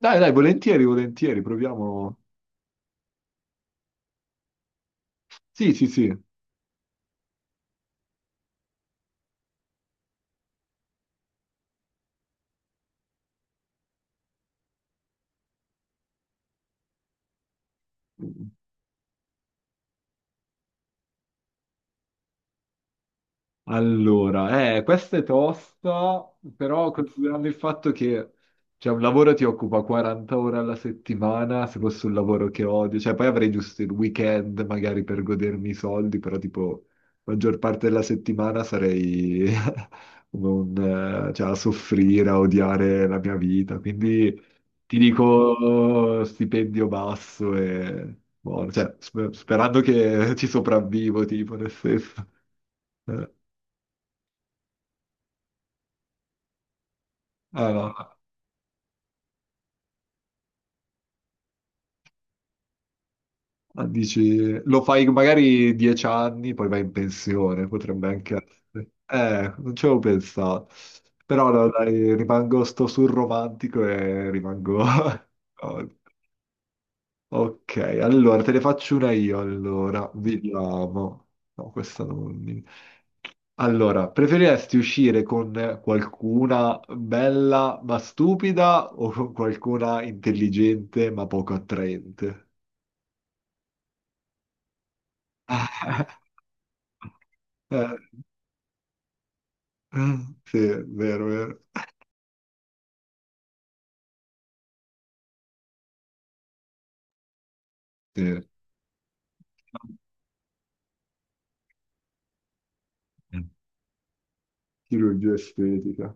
Dai, dai, volentieri, volentieri, proviamo. Sì, sì, sì. Allora, questa è tosta, però considerando il fatto che cioè, un lavoro ti occupa 40 ore alla settimana, se fosse un lavoro che odio, cioè poi avrei giusto il weekend magari per godermi i soldi, però tipo la maggior parte della settimana sarei come cioè, a soffrire, a odiare la mia vita, quindi ti dico stipendio basso e buono, cioè, sperando che ci sopravvivo, tipo nel senso. Eh. Eh, no, dici, lo fai magari 10 anni, poi vai in pensione, potrebbe anche essere. Non ci avevo pensato. Però no, dai, rimango sto sul romantico e rimango... Oh, ok, allora te ne faccio una io, allora, vediamo. No, questa non... Allora, preferiresti uscire con qualcuna bella ma stupida o con qualcuna intelligente ma poco attraente? Eh, eh, sì, è vero, vero. Sì. Chirurgia estetica.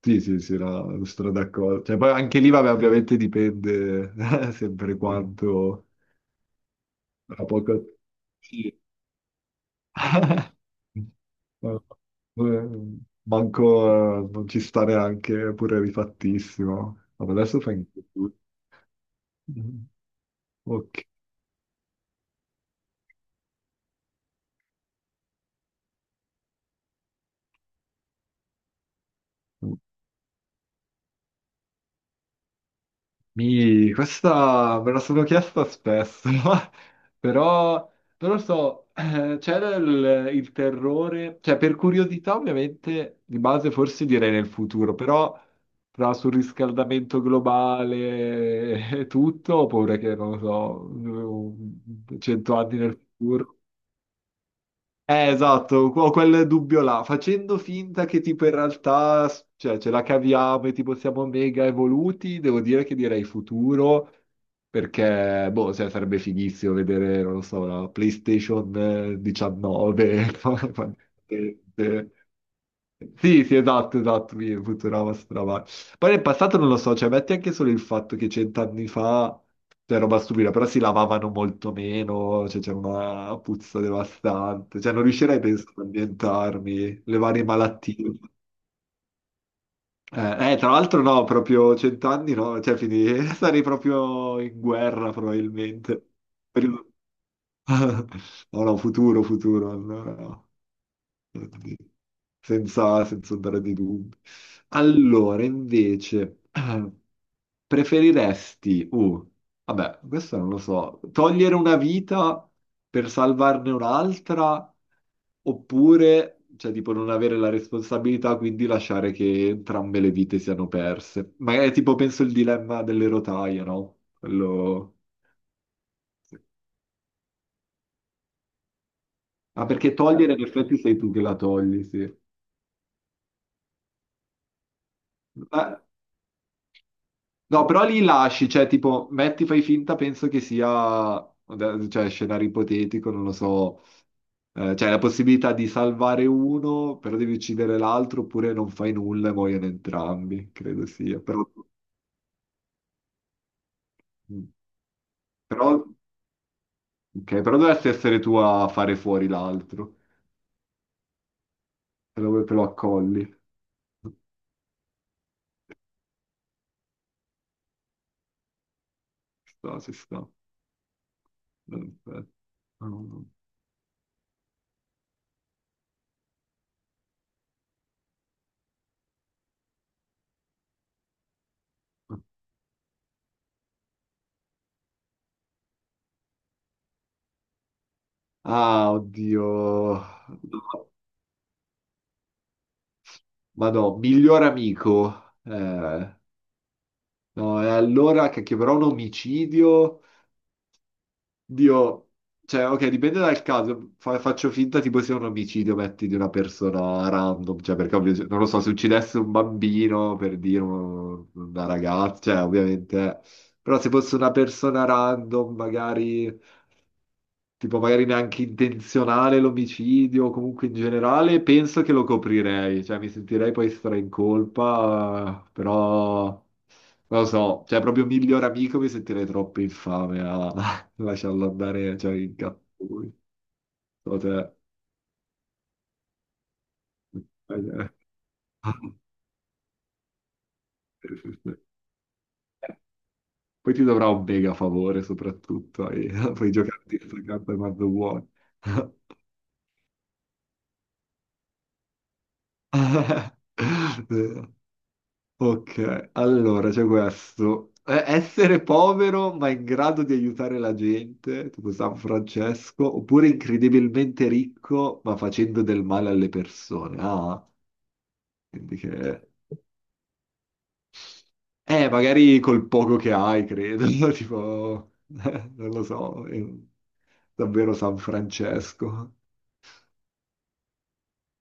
Sì, sì, sì, no, sono d'accordo. Cioè, poi anche lì, vabbè, ovviamente dipende sempre quanto... La poca... Sì. Eh, manco non ci sta neanche pure rifattissimo. Vabbè, adesso fai tutto. Ok. Mi, questa me la sono chiesta spesso, però, non lo so, c'era il terrore, cioè per curiosità ovviamente, di base forse direi nel futuro, però tra surriscaldamento globale e tutto, ho paura che, non lo so, 100 anni nel futuro. Esatto, ho quel dubbio là, facendo finta che tipo in realtà cioè, ce la caviamo e tipo siamo mega evoluti, devo dire che direi futuro, perché boh, cioè, sarebbe fighissimo vedere, non lo so, la PlayStation 19, sì, sì, esatto, esatto, mi Futurama Futurama. Poi nel passato non lo so, cioè metti anche solo il fatto che 100 anni fa c'era roba stupida, però si lavavano molto meno, cioè c'era una puzza devastante, cioè non riuscirei penso ad ambientarmi, le varie malattie. Tra l'altro no, proprio 100 anni no, cioè quindi sarei proprio in guerra probabilmente. Per il- No, no, futuro, futuro, allora no. senza andare di dubbi. Allora, invece, preferiresti, vabbè, questo non lo so, togliere una vita per salvarne un'altra oppure, cioè, tipo, non avere la responsabilità, quindi lasciare che entrambe le vite siano perse. Magari, tipo, penso il dilemma delle rotaie, no? Quello... Ah, perché togliere, in effetti, sei tu che la togli, sì. Ma- No, però li lasci, cioè tipo, metti, fai finta, penso che sia, cioè, scenario ipotetico, non lo so, cioè la possibilità di salvare uno, però devi uccidere l'altro, oppure non fai nulla e muoiono entrambi, credo sia. Mm, però, ok, però dovresti essere tu a fare fuori l'altro, se lo, te lo accolli. Ci sta, ci sta. Aspetta. Ah, oddio. No, ma no, miglior amico. No, e allora che però un omicidio, Dio, cioè, ok, dipende dal caso, faccio finta tipo sia un omicidio, metti, di una persona random, cioè, perché non lo so, se uccidesse un bambino, per dire, una ragazza, cioè, ovviamente, però se fosse una persona random, magari, tipo, magari neanche intenzionale l'omicidio, o comunque in generale, penso che lo coprirei, cioè, mi sentirei poi stra in colpa, però... Non lo so, cioè proprio miglior amico mi sentirei troppo infame a lasciarlo andare, cioè in cazzo lui. So te- Poi ti dovrà un mega favore soprattutto, e puoi giocarti questa carta quando vuoi. Eh, ok, allora c'è questo. Essere povero ma in grado di aiutare la gente, tipo San Francesco, oppure incredibilmente ricco ma facendo del male alle persone. Ah, quindi che... magari col poco che hai, credo, tipo... non lo so, davvero San Francesco.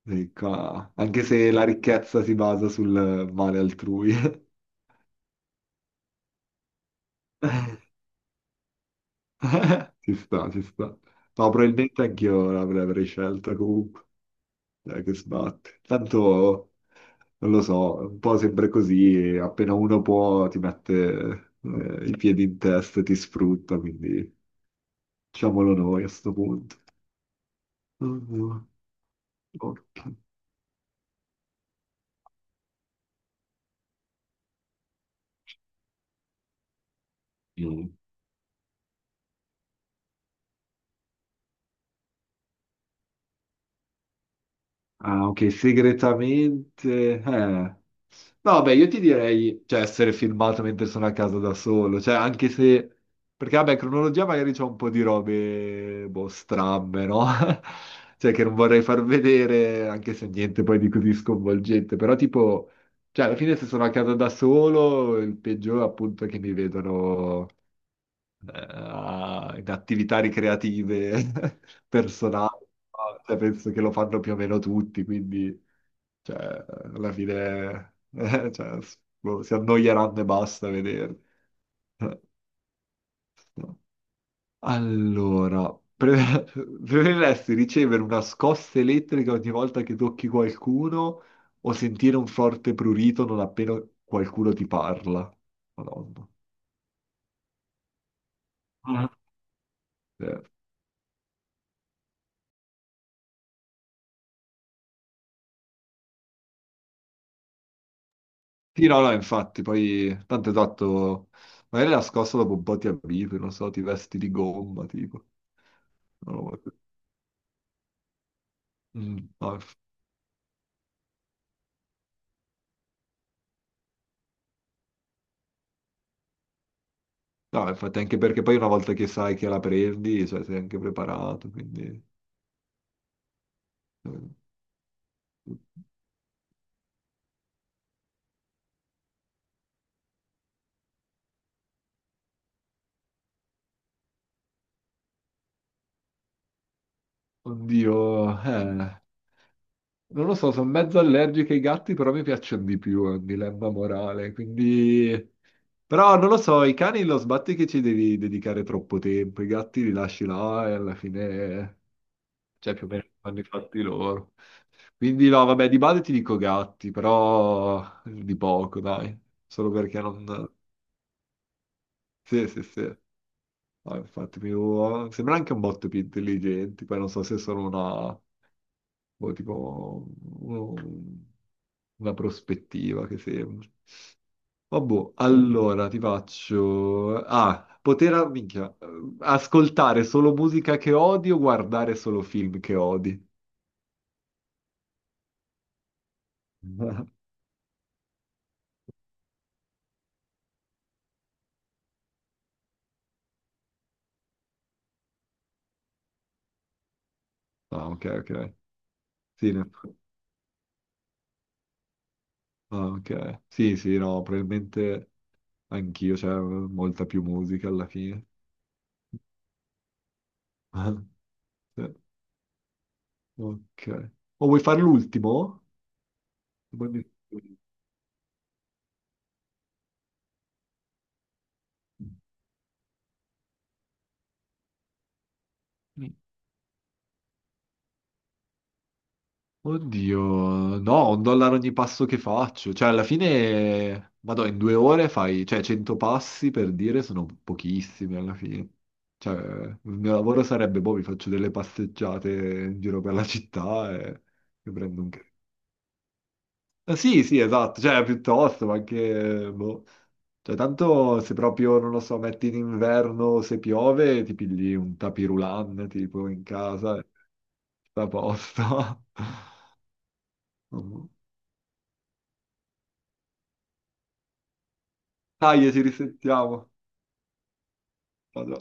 Sì, anche se la ricchezza si basa sul male altrui. Ci sta, ci sta. No, probabilmente anch'io l'avrei scelta comunque. Dai, che sbatte. Tanto, non lo so, un po' sempre così, e appena uno può ti mette i piedi in testa e ti sfrutta, quindi diciamolo noi a sto punto. Mm, ok. Mm. Ah, ok, segretamente.... No, beh, io ti direi, cioè, essere filmato mentre sono a casa da solo, cioè, anche se... Perché, vabbè, cronologia magari c'è un po' di robe, boh, strambe, no? Cioè, che non vorrei far vedere, anche se niente poi di così sconvolgente, però tipo... Cioè, alla fine se sono a casa da solo, il peggiore appunto è che mi vedono in attività ricreative personali, no? Cioè, penso che lo fanno più o meno tutti, quindi... Cioè, alla fine, cioè, boh, si annoieranno e basta a vederli. Eh, no. Allora, preferiresti ricevere una scossa elettrica ogni volta che tocchi qualcuno o sentire un forte prurito non appena qualcuno ti parla? Madonna. Mm. Eh, sì, no, no, infatti, poi tanto esatto, magari la scossa dopo un po' ti abitui, non so, ti vesti di gomma, tipo. Non lo so. Mm, no, no, infatti anche perché poi una volta che sai che la prendi, cioè, sei anche preparato, quindi... eh, Oddio, eh, non lo so, sono mezzo allergico ai gatti, però mi piacciono di più, è un dilemma morale, quindi... Però non lo so, i cani lo sbatti che ci devi dedicare troppo tempo, i gatti li lasci là e alla fine, cioè più o meno fanno i fatti loro. Quindi no, vabbè, di base ti dico gatti, però di poco, dai, solo perché non... Sì, sì, sì. No, infatti, sembra anche un botto più intelligenti, poi non so se sono una, boh, tipo, un- una prospettiva che sembra. Oh, boh, allora ti faccio... Ah, poter, ah, minchia, ascoltare solo musica che odi o guardare solo film che odi? Ah, ok, ok. Sì, ah, ok. Sì, sì, no, probabilmente anch'io, c'è molta più musica alla fine. Sì. Ok. O vuoi fare l'ultimo? Poi mi- Oddio, no, 1 dollaro ogni passo che faccio. Cioè, alla fine, vado in 2 ore fai, cioè, 100 passi per dire sono pochissimi alla fine. Cioè, il mio lavoro sarebbe, boh, vi faccio delle passeggiate in giro per la città e prendo Ah, sì, sì, esatto, cioè, piuttosto, ma anche, boh. Cioè, tanto se proprio, non lo so, metti in inverno, se piove, ti pigli un tapirulan, tipo, in casa, e sta a posto. Dai, ci risentiamo. Vado.